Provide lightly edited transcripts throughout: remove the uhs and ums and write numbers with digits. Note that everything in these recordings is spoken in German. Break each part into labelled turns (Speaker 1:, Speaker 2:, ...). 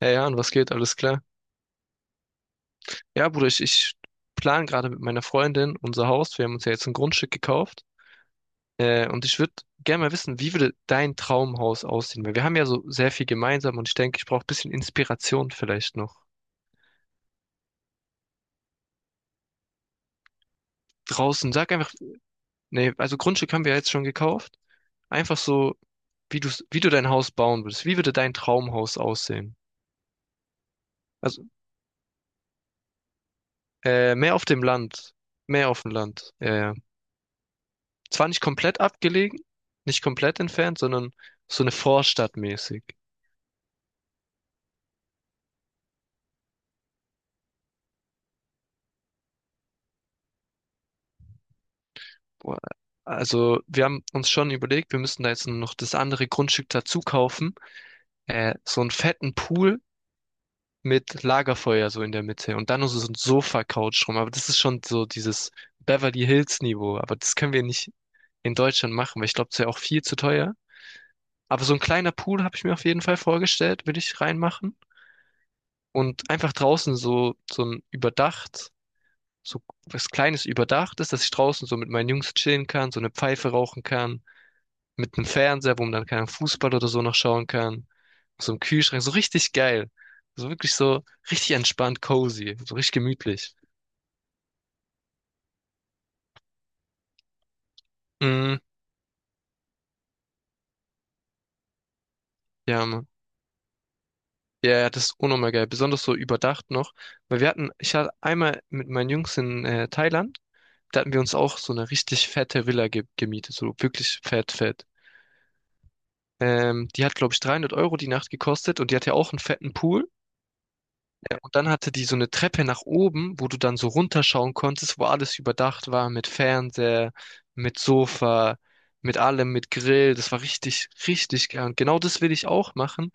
Speaker 1: Hey Jan, was geht? Alles klar? Ja, Bruder, ich plane gerade mit meiner Freundin unser Haus. Wir haben uns ja jetzt ein Grundstück gekauft. Und ich würde gerne mal wissen, wie würde dein Traumhaus aussehen? Weil wir haben ja so sehr viel gemeinsam und ich denke, ich brauche ein bisschen Inspiration vielleicht noch. Draußen, sag einfach, nee, also Grundstück haben wir ja jetzt schon gekauft. Einfach so, wie du dein Haus bauen würdest. Wie würde dein Traumhaus aussehen? Also, mehr auf dem Land. Mehr auf dem Land. Ja, ja. Zwar nicht komplett abgelegen, nicht komplett entfernt, sondern so eine Vorstadt mäßig. Boah, also wir haben uns schon überlegt, wir müssen da jetzt noch das andere Grundstück dazu kaufen. So einen fetten Pool mit Lagerfeuer so in der Mitte und dann noch so ein Sofa-Couch rum. Aber das ist schon so dieses Beverly Hills-Niveau. Aber das können wir nicht in Deutschland machen, weil ich glaube, das wäre auch viel zu teuer. Aber so ein kleiner Pool habe ich mir auf jeden Fall vorgestellt, will ich reinmachen. Und einfach draußen so, so ein überdacht. So was Kleines überdachtes, dass ich draußen so mit meinen Jungs chillen kann, so eine Pfeife rauchen kann, mit einem Fernseher, wo man dann keinen Fußball oder so noch schauen kann, so einem Kühlschrank, so richtig geil. So wirklich so richtig entspannt, cozy, so richtig gemütlich. Mm, ja, Mann. Ja, ja, das ist unnormal geil, besonders so überdacht noch, ich hatte einmal mit meinen Jungs in Thailand, da hatten wir uns auch so eine richtig fette Villa ge gemietet, so wirklich fett, fett. Die hat, glaube ich, 300 Euro die Nacht gekostet und die hatte auch einen fetten Pool. Ja, und dann hatte die so eine Treppe nach oben, wo du dann so runterschauen konntest, wo alles überdacht war mit Fernseher, mit Sofa, mit allem, mit Grill. Das war richtig, richtig geil. Und genau das will ich auch machen.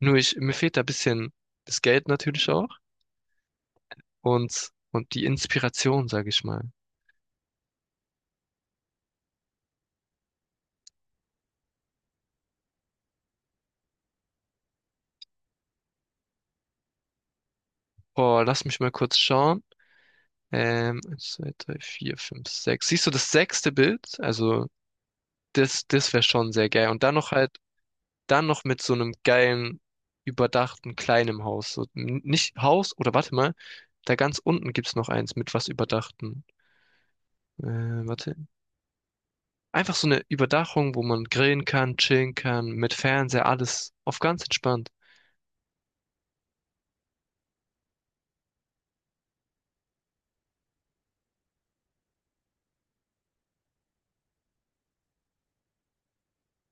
Speaker 1: Nur ich, mir fehlt da ein bisschen das Geld natürlich auch und die Inspiration, sage ich mal. Boah, lass mich mal kurz schauen. Eins, zwei, drei, vier, fünf, sechs. Siehst du das sechste Bild? Also das wäre schon sehr geil. Dann noch mit so einem geilen, überdachten, kleinen Haus. So, nicht Haus, oder warte mal, da ganz unten gibt's noch eins mit was Überdachten. Äh, Warte. Einfach so eine Überdachung, wo man grillen kann, chillen kann, mit Fernseher, alles auf ganz entspannt.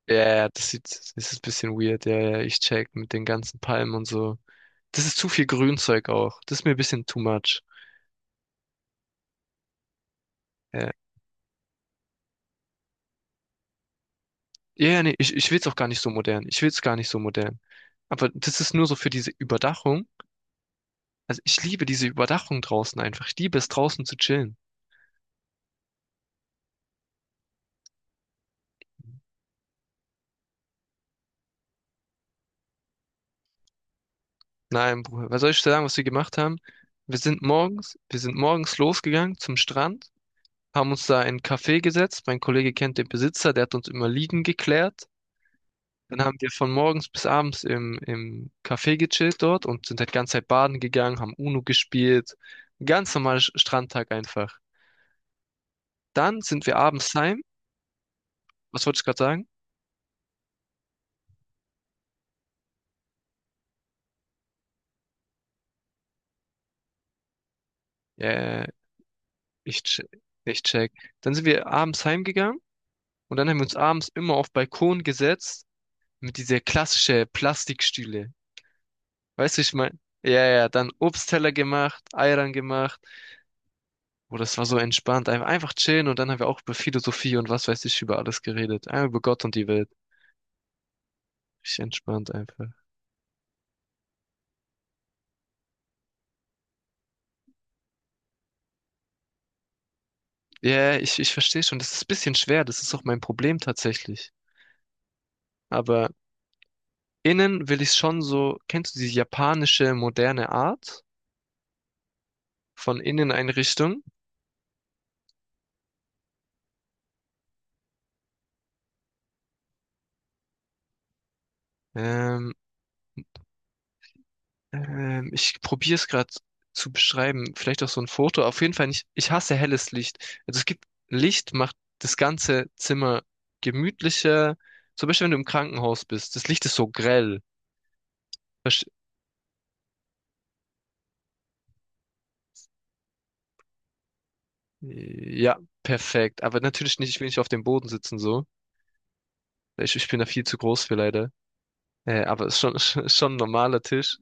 Speaker 1: Ja, ja, ja, das ist ein bisschen weird. Ja, ja, ich check mit den ganzen Palmen und so. Das ist zu viel Grünzeug auch. Das ist mir ein bisschen too much. Ja, ja, ja, nee, ich will's auch gar nicht so modern. Ich will's gar nicht so modern. Aber das ist nur so für diese Überdachung. Also ich liebe diese Überdachung draußen einfach. Ich liebe es draußen zu chillen. Nein, Bruder, was soll ich dir sagen, was wir gemacht haben? Wir sind morgens losgegangen zum Strand, haben uns da in ein Café gesetzt. Mein Kollege kennt den Besitzer, der hat uns immer liegen geklärt. Dann haben wir von morgens bis abends im Café gechillt dort und sind halt die ganze Zeit baden gegangen, haben Uno gespielt. Ein ganz normaler Strandtag einfach. Dann sind wir abends heim. Was wollte ich gerade sagen? Äh, ich, che- ich check. Dann sind wir abends heimgegangen. Und dann haben wir uns abends immer auf Balkon gesetzt mit dieser klassische Plastikstühle. Weißt du, ich mein, ja, ja, dann Obstteller gemacht, Eiern gemacht. Oh, das war so entspannt. Einfach chillen und dann haben wir auch über Philosophie und was weiß ich über alles geredet. Einfach über Gott und die Welt. Ich entspannt einfach. Ja, ich verstehe schon. Das ist ein bisschen schwer. Das ist auch mein Problem tatsächlich. Aber innen will ich schon so, kennst du die japanische moderne Art von Inneneinrichtung? Ähm, ich probiere es gerade zu beschreiben. Vielleicht auch so ein Foto. Auf jeden Fall nicht. Ich hasse helles Licht. Also es gibt Licht, macht das ganze Zimmer gemütlicher. Zum Beispiel, wenn du im Krankenhaus bist. Das Licht ist so grell. Versch- Ja, perfekt. Aber natürlich nicht, ich will nicht auf dem Boden sitzen so. Ich bin da viel zu groß für leider. Aber es ist schon, ist schon ein normaler Tisch.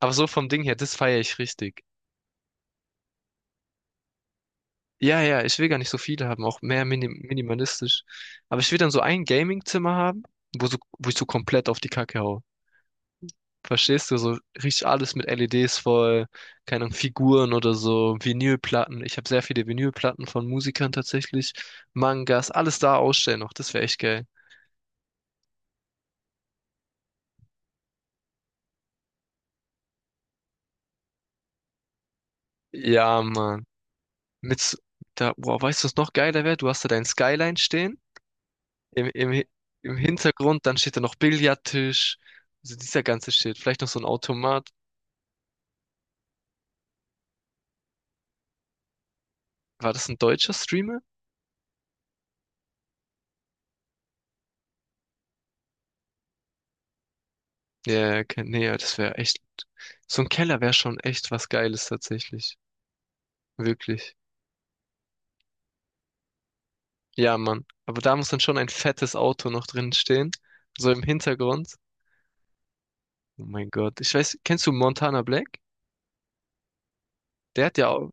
Speaker 1: Aber so vom Ding her, das feiere ich richtig. Ja, ja, ich will gar nicht so viele haben, auch mehr minimalistisch. Aber ich will dann so ein Gaming-Zimmer haben, wo ich so komplett auf die Kacke hau. Verstehst du? So richtig alles mit LEDs voll, keine Ahnung, Figuren oder so, Vinylplatten. Ich habe sehr viele Vinylplatten von Musikern tatsächlich, Mangas, alles da ausstellen noch. Das wäre echt geil. Ja, Mann. Mit, s- boah, weißt du, was noch geiler wäre? Du hast da dein Skyline stehen, im, im, Hi- im Hintergrund, dann steht da noch Billardtisch. Also dieser ganze Shit. Vielleicht noch so ein Automat. War das ein deutscher Streamer? Ja, ja, nee, ja, das wäre echt. So ein Keller wäre schon echt was Geiles tatsächlich. Wirklich. Ja, Mann. Aber da muss dann schon ein fettes Auto noch drin stehen. So im Hintergrund. Oh mein Gott. Ich weiß, kennst du Montana Black? Der hat ja auch,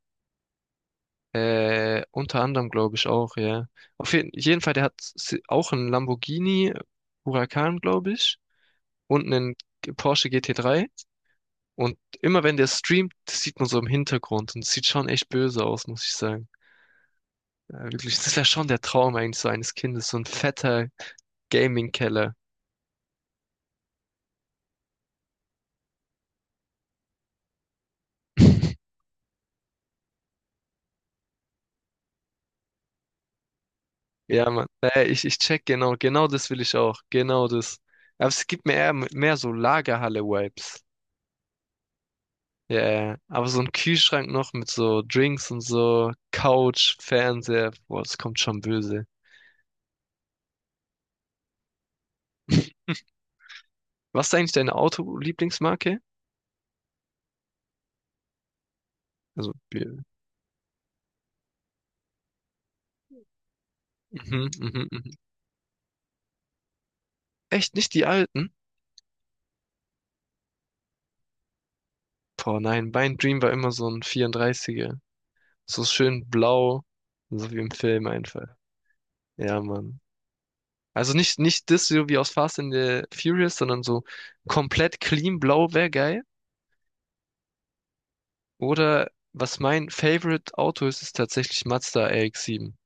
Speaker 1: unter anderem, glaube ich, auch, ja. Auf jeden, jeden Fall, der hat auch einen Lamborghini Huracan, glaube ich. Und einen Porsche GT3. Und immer wenn der streamt, das sieht man so im Hintergrund. Und es sieht schon echt böse aus, muss ich sagen. Ja, wirklich, das wäre schon der Traum eigentlich so eines Kindes, so ein fetter Gaming-Keller. Ja, Mann. Ich check genau, genau das will ich auch. Genau das. Aber es gibt mir eher mehr so Lagerhalle-Vibes. Ja, ja, ja, aber so ein Kühlschrank noch mit so Drinks und so, Couch, Fernseher, boah, das kommt schon böse. Was ist eigentlich deine Auto-Lieblingsmarke? Also, Bier. Mhm, mhm, mhm. Echt nicht die alten? Boah, nein, mein Dream war immer so ein 34er. So schön blau, so wie im Film einfach. Ja, Mann. Also nicht, nicht das so wie aus Fast and the Furious, sondern so komplett clean blau wäre geil. Oder was mein Favorite Auto ist, ist tatsächlich Mazda RX-7.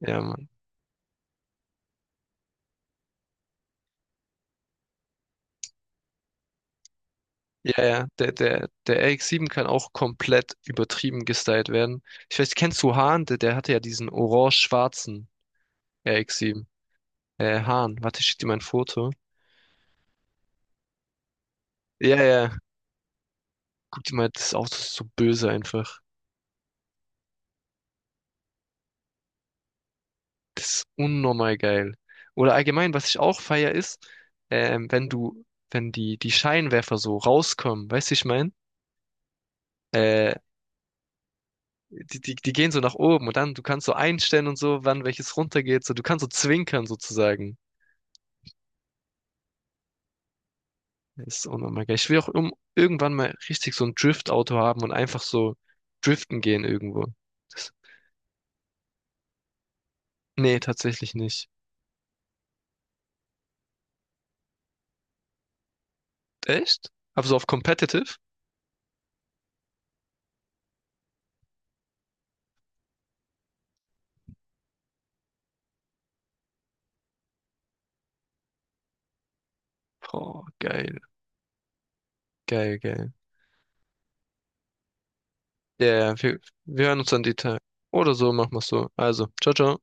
Speaker 1: Ja, Mann. Ja, ja, der RX-7 kann auch komplett übertrieben gestylt werden. Ich weiß, kennst du Hahn? Der hatte ja diesen orange-schwarzen RX-7. Hahn, warte, ich schick dir mal ein Foto. Ja, ja, guck dir mal, das Auto ist so böse einfach. Das ist unnormal geil. Oder allgemein, was ich auch feier ist, ähm, wenn du, wenn die Scheinwerfer so rauskommen, weißt du, wie ich meine? Äh, die gehen so nach oben und dann, du kannst so einstellen und so, wann welches runtergeht, so, du kannst so zwinkern sozusagen. Das ist unnormal geil. Ich will auch irgendwann mal richtig so ein Drift-Auto haben und einfach so driften gehen irgendwo. Das, nee, tatsächlich nicht. Echt? Aber so auf Competitive? Boah, geil, geil, geil. Ja, wir hören uns dann die Tage. Oder so, machen wir es so. Also, ciao, ciao.